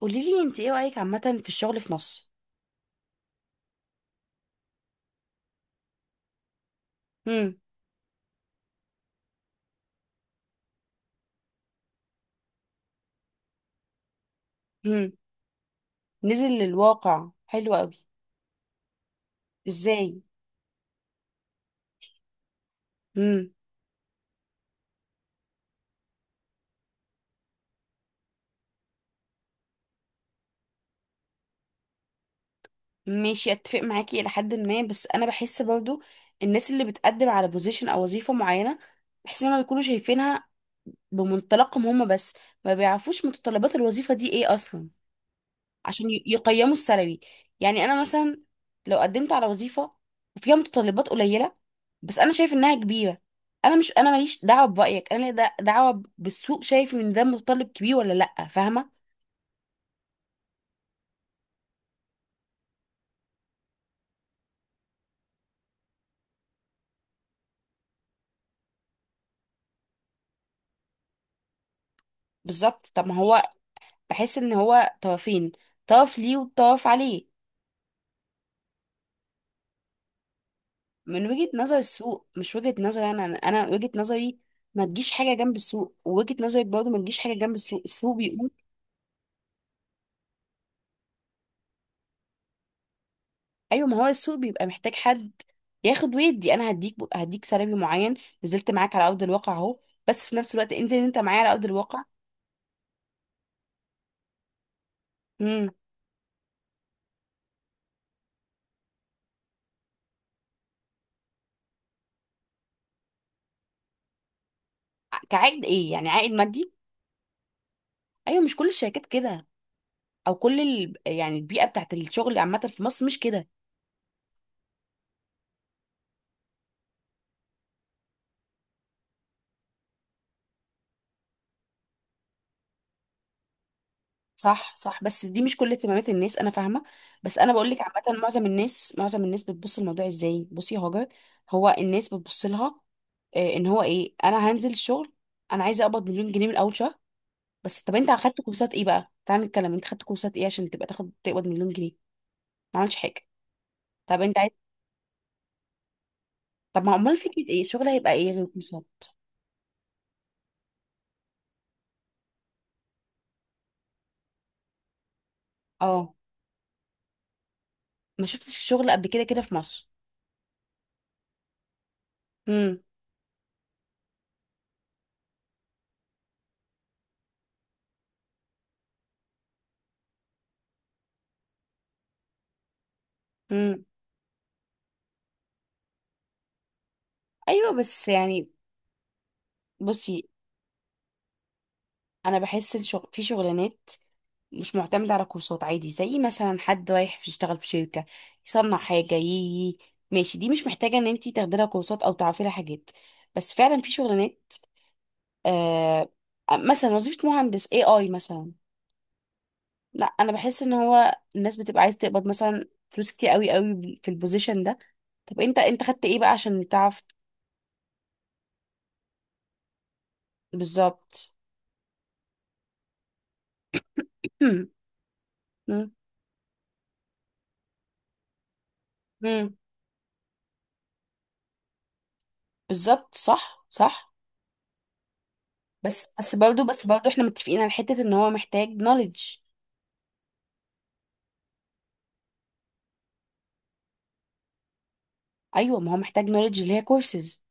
قولي لي، انت ايه رايك عامه في الشغل في مصر؟ امم. امم. نزل للواقع، حلو قوي. ازاي؟ امم. ماشي، اتفق معاكي الى حد ما، بس انا بحس برضو الناس اللي بتقدم على بوزيشن او وظيفه معينه، بحس انهم بيكونوا شايفينها بمنطلقهم هم بس، ما بيعرفوش متطلبات الوظيفه دي ايه اصلا. عشان يقيموا السلبي. يعني انا مثلا لو قدمت على وظيفه وفيها متطلبات قليله بس انا شايف انها كبيره. انا مش انا ماليش دعوه برايك، انا ليا دعوه بالسوق، شايف ان ده متطلب كبير ولا لا، فاهمه. بالظبط طب ما هو، بحس ان هو طرفين، طرف ليه وطرف عليه. من وجهه نظر السوق مش وجهه نظري انا، انا أنا وجهه نظري ما تجيش حاجه جنب السوق، ووجهه نظرك برضه ما تجيش حاجه جنب السوق، السوق بيقول. ايوه ما هو السوق بيبقى محتاج حد ياخد ويدي، انا هديك سلبي معين. نزلت معاك على ارض الواقع اهو، بس في نفس الوقت انزل انت معايا على ارض الواقع. امم. كعائد ايه؟ يعني عائد مادي. ايوه، مش كل الشركات كده، او كل يعني البيئه بتاعت الشغل عامه في مصر مش كده. صح صح، بس دي مش كل اهتمامات الناس، انا فاهمه. بس انا بقول لك، عامه معظم الناس، بتبص الموضوع ازاي. بصي يا هاجر، هو الناس بتبص لها ان هو ايه. انا هنزل الشغل، انا عايزه اقبض مليون جنيه من اول شهر. بس طب انت اخدت كورسات ايه بقى؟ تعال نتكلم، انت خدت كورسات ايه عشان تبقى تاخد تقبض مليون جنيه؟ ما عملتش حاجه. طب انت عايز، طب ما امال فكره ايه؟ الشغل هيبقى ايه غير الكورسات؟ اه ما شفتش شغل قبل كده كده في مصر؟ امم. امم. ايوه بس يعني، بصي انا بحس الشغل في شغلانات مش معتمده على كورسات، عادي زي مثلا حد رايح يشتغل في شركه يصنع حاجه يي، ماشي، دي مش محتاجه ان انت تاخدي لها كورسات او تعرفي لها حاجات. بس فعلا في شغلانات آه مثلا وظيفه مهندس اي اي مثلا. لا، انا بحس ان هو الناس بتبقى عايز تقبض مثلا فلوس كتير قوي قوي في البوزيشن ده. طب انت خدت ايه بقى عشان تعرف؟ بالظبط. هم. هم. هم. بالظبط، صح صح. بس برضه احنا متفقين على حتة ان هو محتاج نوليدج. ايوه ما هو محتاج نوليدج اللي هي كورسز.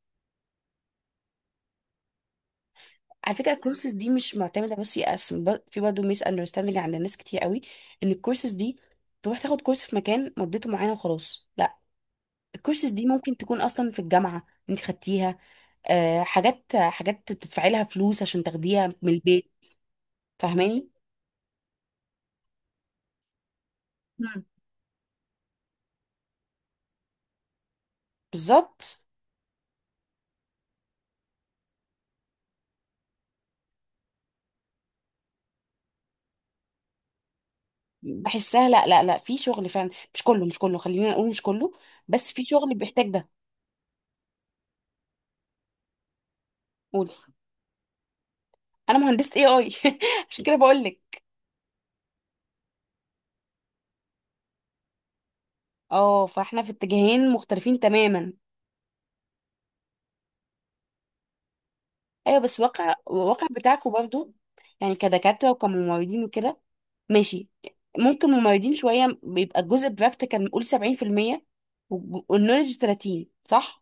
على فكره الكورسز دي مش معتمده، بس يقسم في برضه ميس اندرستاندينج عند ناس كتير قوي ان الكورسز دي تروح تاخد كورس في مكان مدته معينه وخلاص، لا، الكورسز دي ممكن تكون اصلا في الجامعه انت خدتيها، حاجات بتدفعي لها فلوس عشان تاخديها من البيت. فاهماني. مم. بالظبط. بحسها لا لا لا، في شغل فعلا، مش كله مش كله، خلينا نقول مش كله، بس في شغل بيحتاج ده. قولي. انا مهندسة اي اي عشان كده بقول لك. اه فاحنا في اتجاهين مختلفين تماما. ايوه بس واقع، الواقع بتاعكم برضو. يعني كدكاترة وكممرضين وكده، ماشي. ممكن ممرضين شوية بيبقى الجزء براكتيكال نقول 70% والنولج 30، صح؟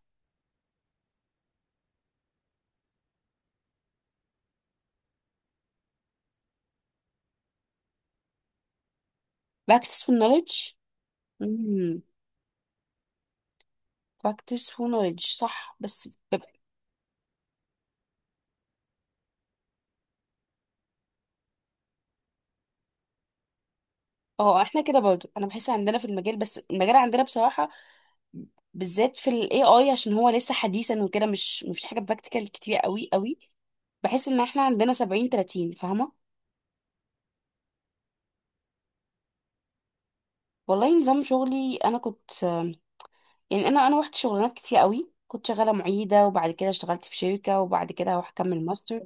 براكتس والنولج. امم. practice و knowledge صح، بس ببقى اه احنا كده برضو. انا بحس عندنا في المجال، بس المجال عندنا بصراحة بالذات في ال AI، عشان هو لسه حديثا وكده، مش مفيش حاجة براكتيكال كتير قوي قوي. بحس ان احنا عندنا 70 30، فاهمة؟ والله نظام شغلي انا كنت، يعني انا روحت شغلانات كتير قوي، كنت شغالة معيدة وبعد كده اشتغلت في شركة، وبعد كده هروح اكمل ماستر.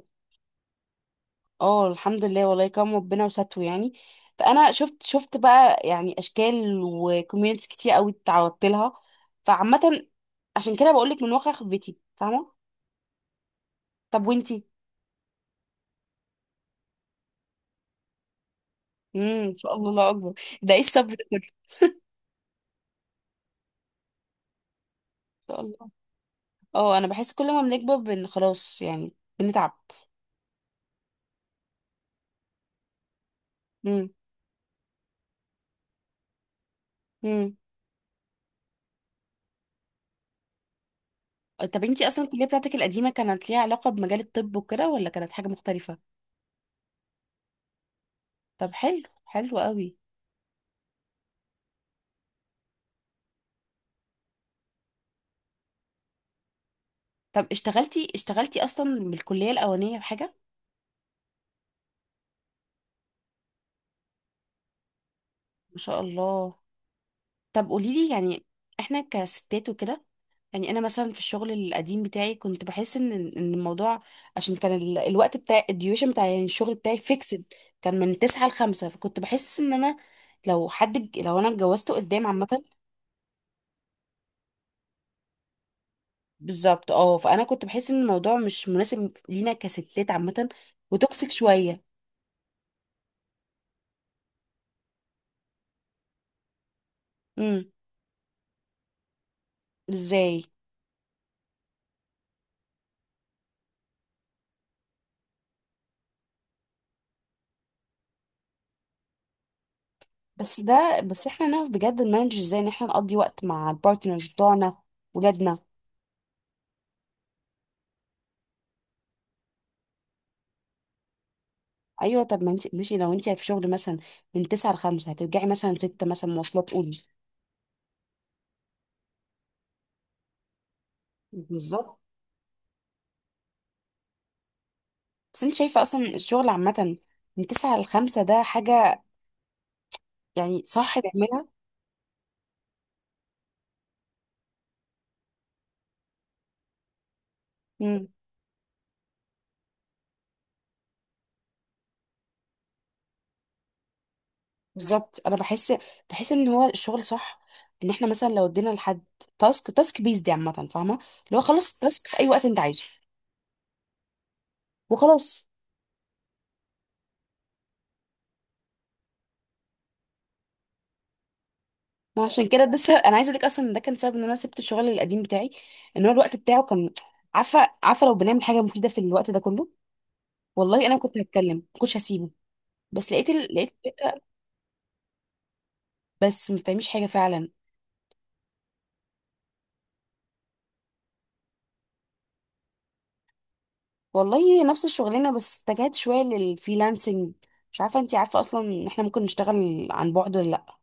اه الحمد لله، والله كرم ربنا وستره يعني. فانا شفت بقى يعني اشكال وكوميونتس كتير قوي اتعرضت لها، فعامه عشان كده بقول لك من واقع خبرتي، فاهمه. طب وانتي؟ امم. ان شاء الله، الله اكبر ده ايه الصبر ده كله؟ ان شاء الله. اه انا بحس كل ما بنكبر خلاص يعني بنتعب. امم. امم. طب انتي اصلا الكليه بتاعتك القديمه كانت ليها علاقه بمجال الطب وكده، ولا كانت حاجه مختلفه؟ طب حلو حلو قوي. طب اشتغلتي اصلا بالكليه الاولانيه بحاجه؟ ما شاء الله. طب قولي لي يعني، احنا كستات وكده، يعني انا مثلا في الشغل القديم بتاعي كنت بحس ان الموضوع، عشان كان الوقت بتاع الديوشن بتاع يعني الشغل بتاعي فيكسد، كان من 9 ل5، فكنت بحس ان انا لو انا اتجوزته قدام عامة، بالظبط اه، فانا كنت بحس ان الموضوع مش مناسب لينا كستات عامة، وتوكسيك شوية. امم. ازاي؟ بس ده احنا نعرف بجد نمانج ازاي ان احنا نقضي وقت مع البارتنرز بتوعنا، ولادنا. ايوه طب ما انت ماشي، لو انت في شغل مثلا من 9 ل 5، هترجعي مثلا 6، مثلا مواصلات، قولي. بالظبط. بس انت شايفه اصلا الشغل عامه من 9 ل 5 ده حاجه يعني صح نعملها؟ امم. بالظبط. انا بحس ان هو الشغل صح ان احنا مثلا لو ادينا لحد تاسك، تاسك بيز دي عامه فاهمه، اللي هو خلص التاسك في اي وقت انت عايزه وخلاص. ما عشان كده ده انا عايزه اقول لك اصلا إن ده كان سبب ان انا سبت الشغل القديم بتاعي. ان هو الوقت بتاعه كان، عارفه لو بنعمل حاجه مفيده في الوقت ده كله، والله انا كنت هتكلم ما كنتش هسيبه. بس لقيت الفكره، بس ما بتعملش حاجه فعلا. والله نفس الشغلانه، بس اتجهت شويه للفريلانسنج. مش عارفه انتي عارفه اصلا ان احنا ممكن نشتغل عن بعد ولا لا.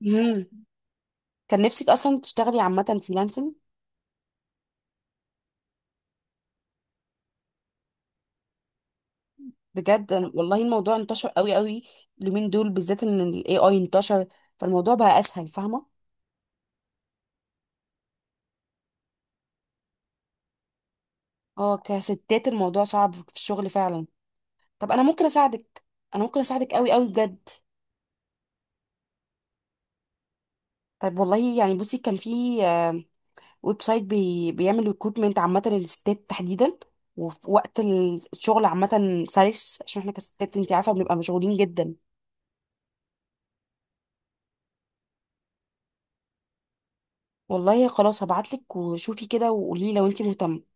مم. كان نفسك اصلا تشتغلي عامه فريلانسنج؟ بجد والله الموضوع انتشر قوي قوي اليومين دول بالذات ان الاي اي انتشر، فالموضوع بقى اسهل، فاهمه. اه كستات الموضوع صعب في الشغل فعلا. طب انا ممكن اساعدك، انا ممكن اساعدك قوي قوي بجد. طيب والله يعني بصي كان في ويب سايت بيعمل ريكروتمنت عامة للستات تحديدا، وفي وقت الشغل عامة سلس، عشان احنا كستات انت عارفة بنبقى مشغولين جدا. والله خلاص هبعتلك، وشوفي كده وقولي لو انت مهتمة.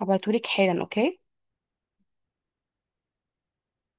هبعتهولك حالا، اوكي؟